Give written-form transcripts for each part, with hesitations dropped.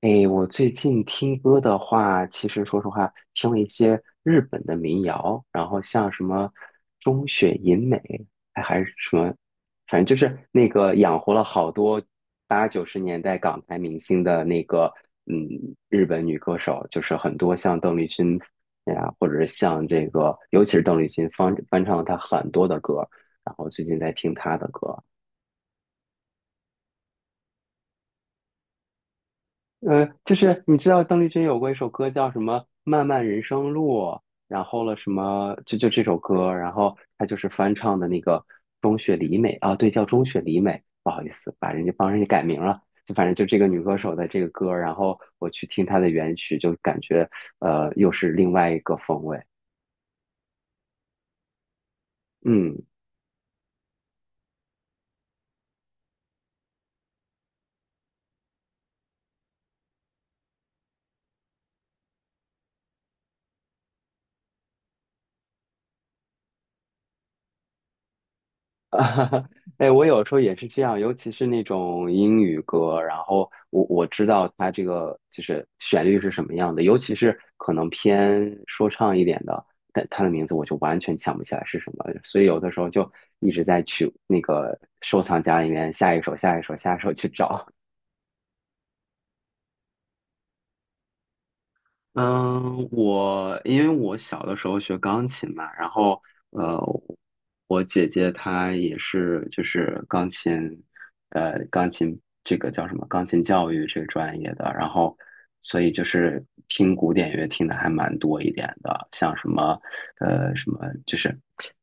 诶，我最近听歌的话，其实说实话，听了一些日本的民谣，然后像什么中雪银美，哎还是什么，反正就是那个养活了好多八九十年代港台明星的那个，嗯，日本女歌手，就是很多像邓丽君呀，或者是像这个，尤其是邓丽君翻唱了她很多的歌，然后最近在听她的歌。就是你知道邓丽君有过一首歌叫什么《漫漫人生路》，然后了什么就这首歌，然后她就是翻唱的那个中雪里美啊，对，叫中雪里美，不好意思，把人家帮人家改名了，就反正就这个女歌手的这个歌，然后我去听她的原曲，就感觉又是另外一个风味，嗯。啊，哎，我有时候也是这样，尤其是那种英语歌，然后我知道它这个就是旋律是什么样的，尤其是可能偏说唱一点的，但它的名字我就完全想不起来是什么，所以有的时候就一直在去那个收藏夹里面下一首、下一首、下一首去找。嗯，我因为我小的时候学钢琴嘛，然后呃，我姐姐她也是就是钢琴，钢琴这个叫什么？钢琴教育这个专业的，然后所以就是听古典乐听的还蛮多一点的，像什么呃什么，就是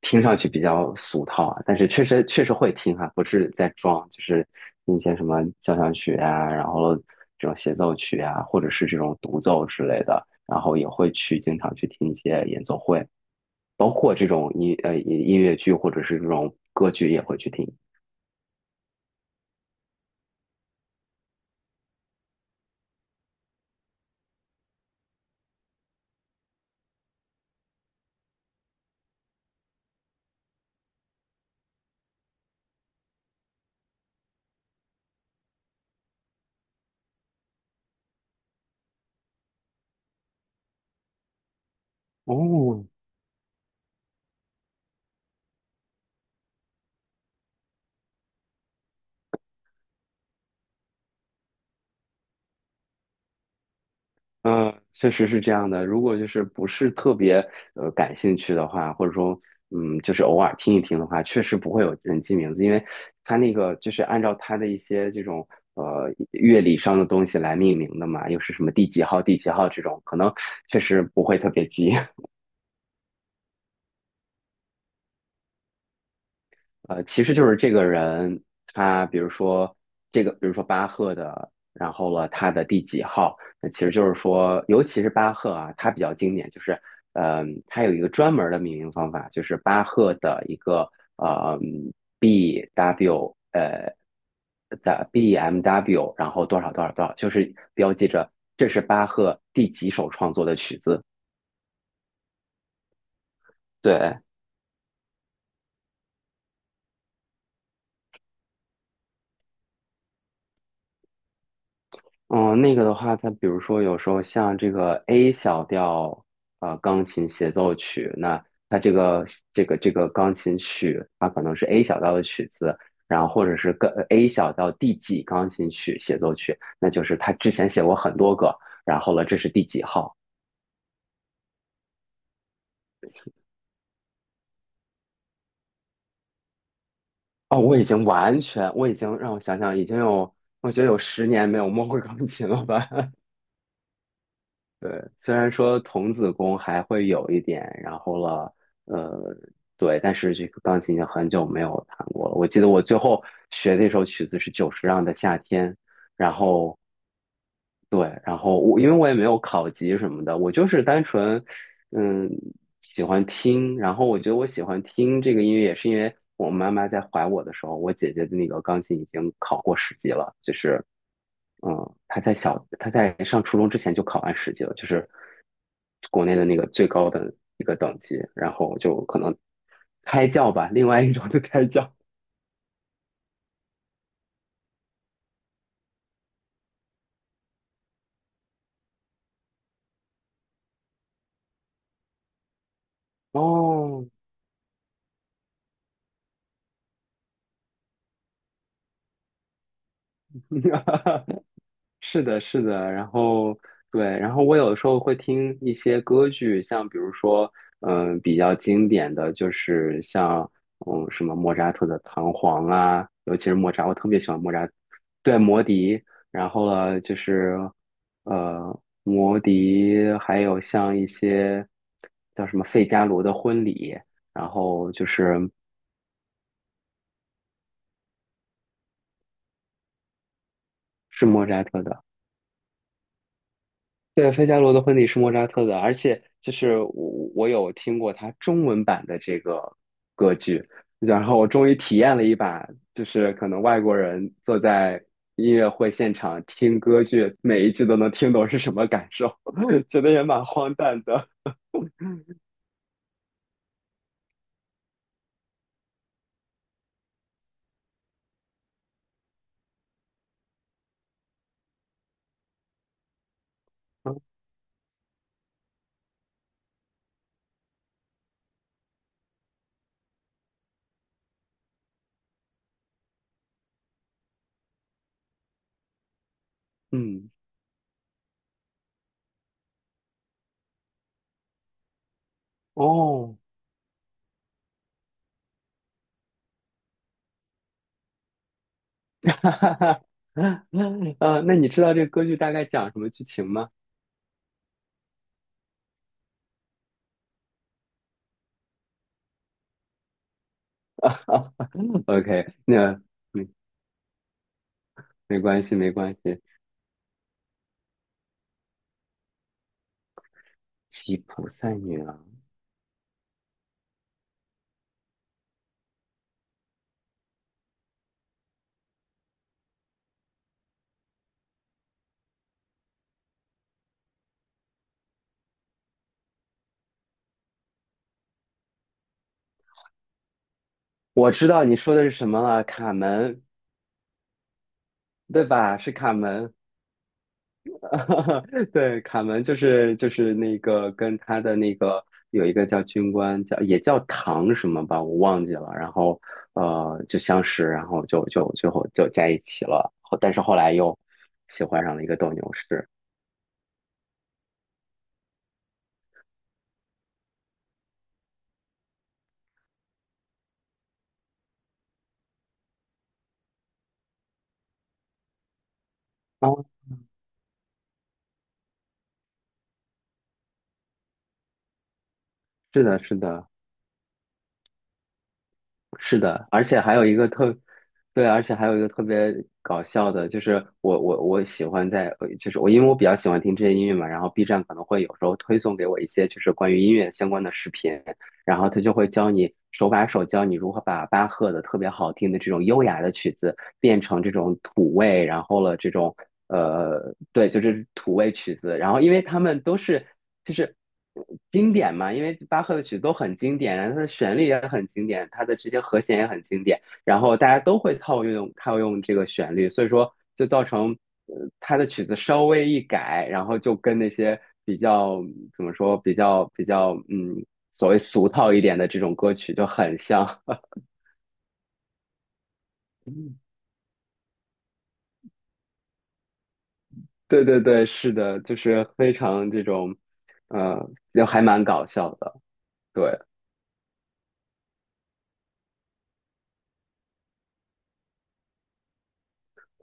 听上去比较俗套啊，但是确实会听哈、不是在装，就是听一些什么交响曲啊，然后。这种协奏曲啊，或者是这种独奏之类的，然后也会去经常去听一些演奏会，包括这种音乐剧或者是这种歌剧也会去听。哦，嗯，确实是这样的。如果就是不是特别感兴趣的话，或者说就是偶尔听一听的话，确实不会有人记名字，因为它那个就是按照它的一些这种乐理上的东西来命名的嘛，又是什么第几号、第几号这种，可能确实不会特别记。其实就是这个人，他比如说这个，比如说巴赫的，然后了他的第几号，那其实就是说，尤其是巴赫啊，他比较经典，就是，他有一个专门的命名方法，就是巴赫的一个呃 B W 的 B M W，然后多少多少多少，就是标记着这是巴赫第几首创作的曲子，对。嗯，那个的话，它比如说有时候像这个 A 小调，钢琴协奏曲，那它这个钢琴曲，它可能是 A 小调的曲子，然后或者是跟 A 小调第几钢琴曲协奏曲，那就是他之前写过很多个，然后了，这是第几号？哦，我已经完全，我已经让我想想，已经有，我觉得有十年没有摸过钢琴了吧？对，虽然说童子功还会有一点，然后了，呃，对，但是这个钢琴已经很久没有弹过了。我记得我最后学那首曲子是久石让的《夏天》，然后对，然后我因为我也没有考级什么的，我就是单纯，嗯，喜欢听。然后我觉得我喜欢听这个音乐，也是因为我妈妈在怀我的时候，我姐姐的那个钢琴已经考。就是，嗯，他在上初中之前就考完10级了，就是国内的那个最高的一个等级，然后就可能胎教吧，另外一种的胎教。哦，是的，是的，然后对，然后我有时候会听一些歌剧，像比如说，比较经典的就是像，什么莫扎特的《唐璜》啊，尤其是莫扎，我特别喜欢莫扎，对，魔笛，然后呢，就是，魔笛，还有像一些叫什么费加罗的婚礼，然后就是莫扎特的。对，费加罗的婚礼是莫扎特的，而且就是我有听过他中文版的这个剧，然后我终于体验了一把，就是可能外国人坐在音乐会现场听歌剧，每一句都能听懂是什么感受，觉得也蛮荒诞的。嗯，哦，哈哈哈，那你知道这个歌剧大概讲什么剧情吗？OK，那没没关系，没关系，吉普赛女郎。我知道你说的是什么了，卡门，对吧？是卡门，对，卡门就是那个跟他的那个有一个叫军官叫也叫唐什么吧，我忘记了。然后就相识，然后就最后就在一起了。但是后来又喜欢上了一个斗牛士。哦，是的，是的，是的，而且还有一个特，对，而且还有一个特别搞笑的，就是我喜欢在，就是我因为我比较喜欢听这些音乐嘛，然后 B 站可能会有时候推送给我一些就是关于音乐相关的视频，然后他就会教你手把手教你如何把巴赫的特别好听的这种优雅的曲子变成这种土味，然后了这种对，就是土味曲子。然后因为他们都是就是经典嘛，因为巴赫的曲子都很经典，然后它的旋律也很经典，它的这些和弦也很经典，然后大家都会套用套用这个旋律，所以说就造成。他的曲子稍微一改，然后就跟那些比较怎么说，比较所谓俗套一点的这种歌曲就很像。对对对，是的，就是非常这种，呃，就还蛮搞笑的。对，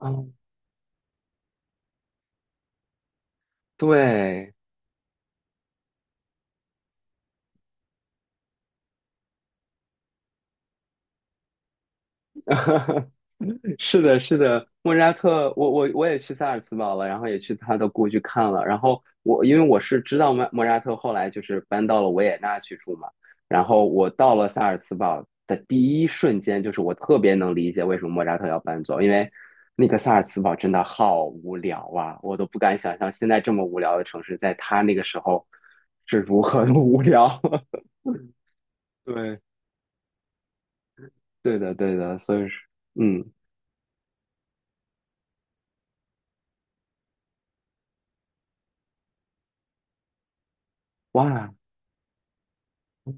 嗯，对，是的，是的，莫扎特，我也去萨尔茨堡了，然后也去他的故居看了。然后我因为我是知道莫扎特后来就是搬到了维也纳去住嘛，然后我到了萨尔茨堡的第一瞬间，就是我特别能理解为什么莫扎特要搬走，因为那个萨尔茨堡真的好无聊啊，我都不敢想象现在这么无聊的城市，在他那个时候是如何的无聊。对，对的，对的，所以是，嗯，哇。嗯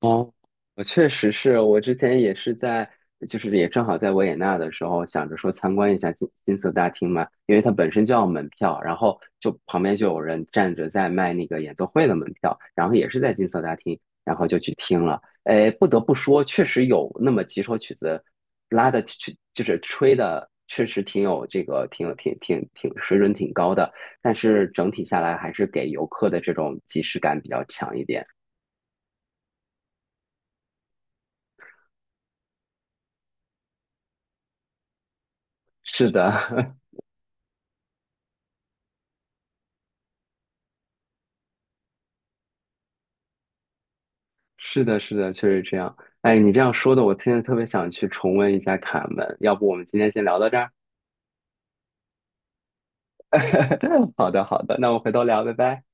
哦，我确实是我之前也是在，就是也正好在维也纳的时候，想着说参观一下金色大厅嘛，因为它本身就要门票，然后就旁边就有人站着在卖那个演奏会的门票，然后也是在金色大厅，然后就去听了。哎，不得不说，确实有那么几首曲子拉的去，就是吹的，确实挺有这个，挺有挺水准挺高的，但是整体下来还是给游客的这种即视感比较强一点。是的。是的，是的，确实这样。哎，你这样说的，我现在特别想去重温一下《卡门》，要不我们今天先聊到这儿？好的，好的，那我们回头聊，拜拜。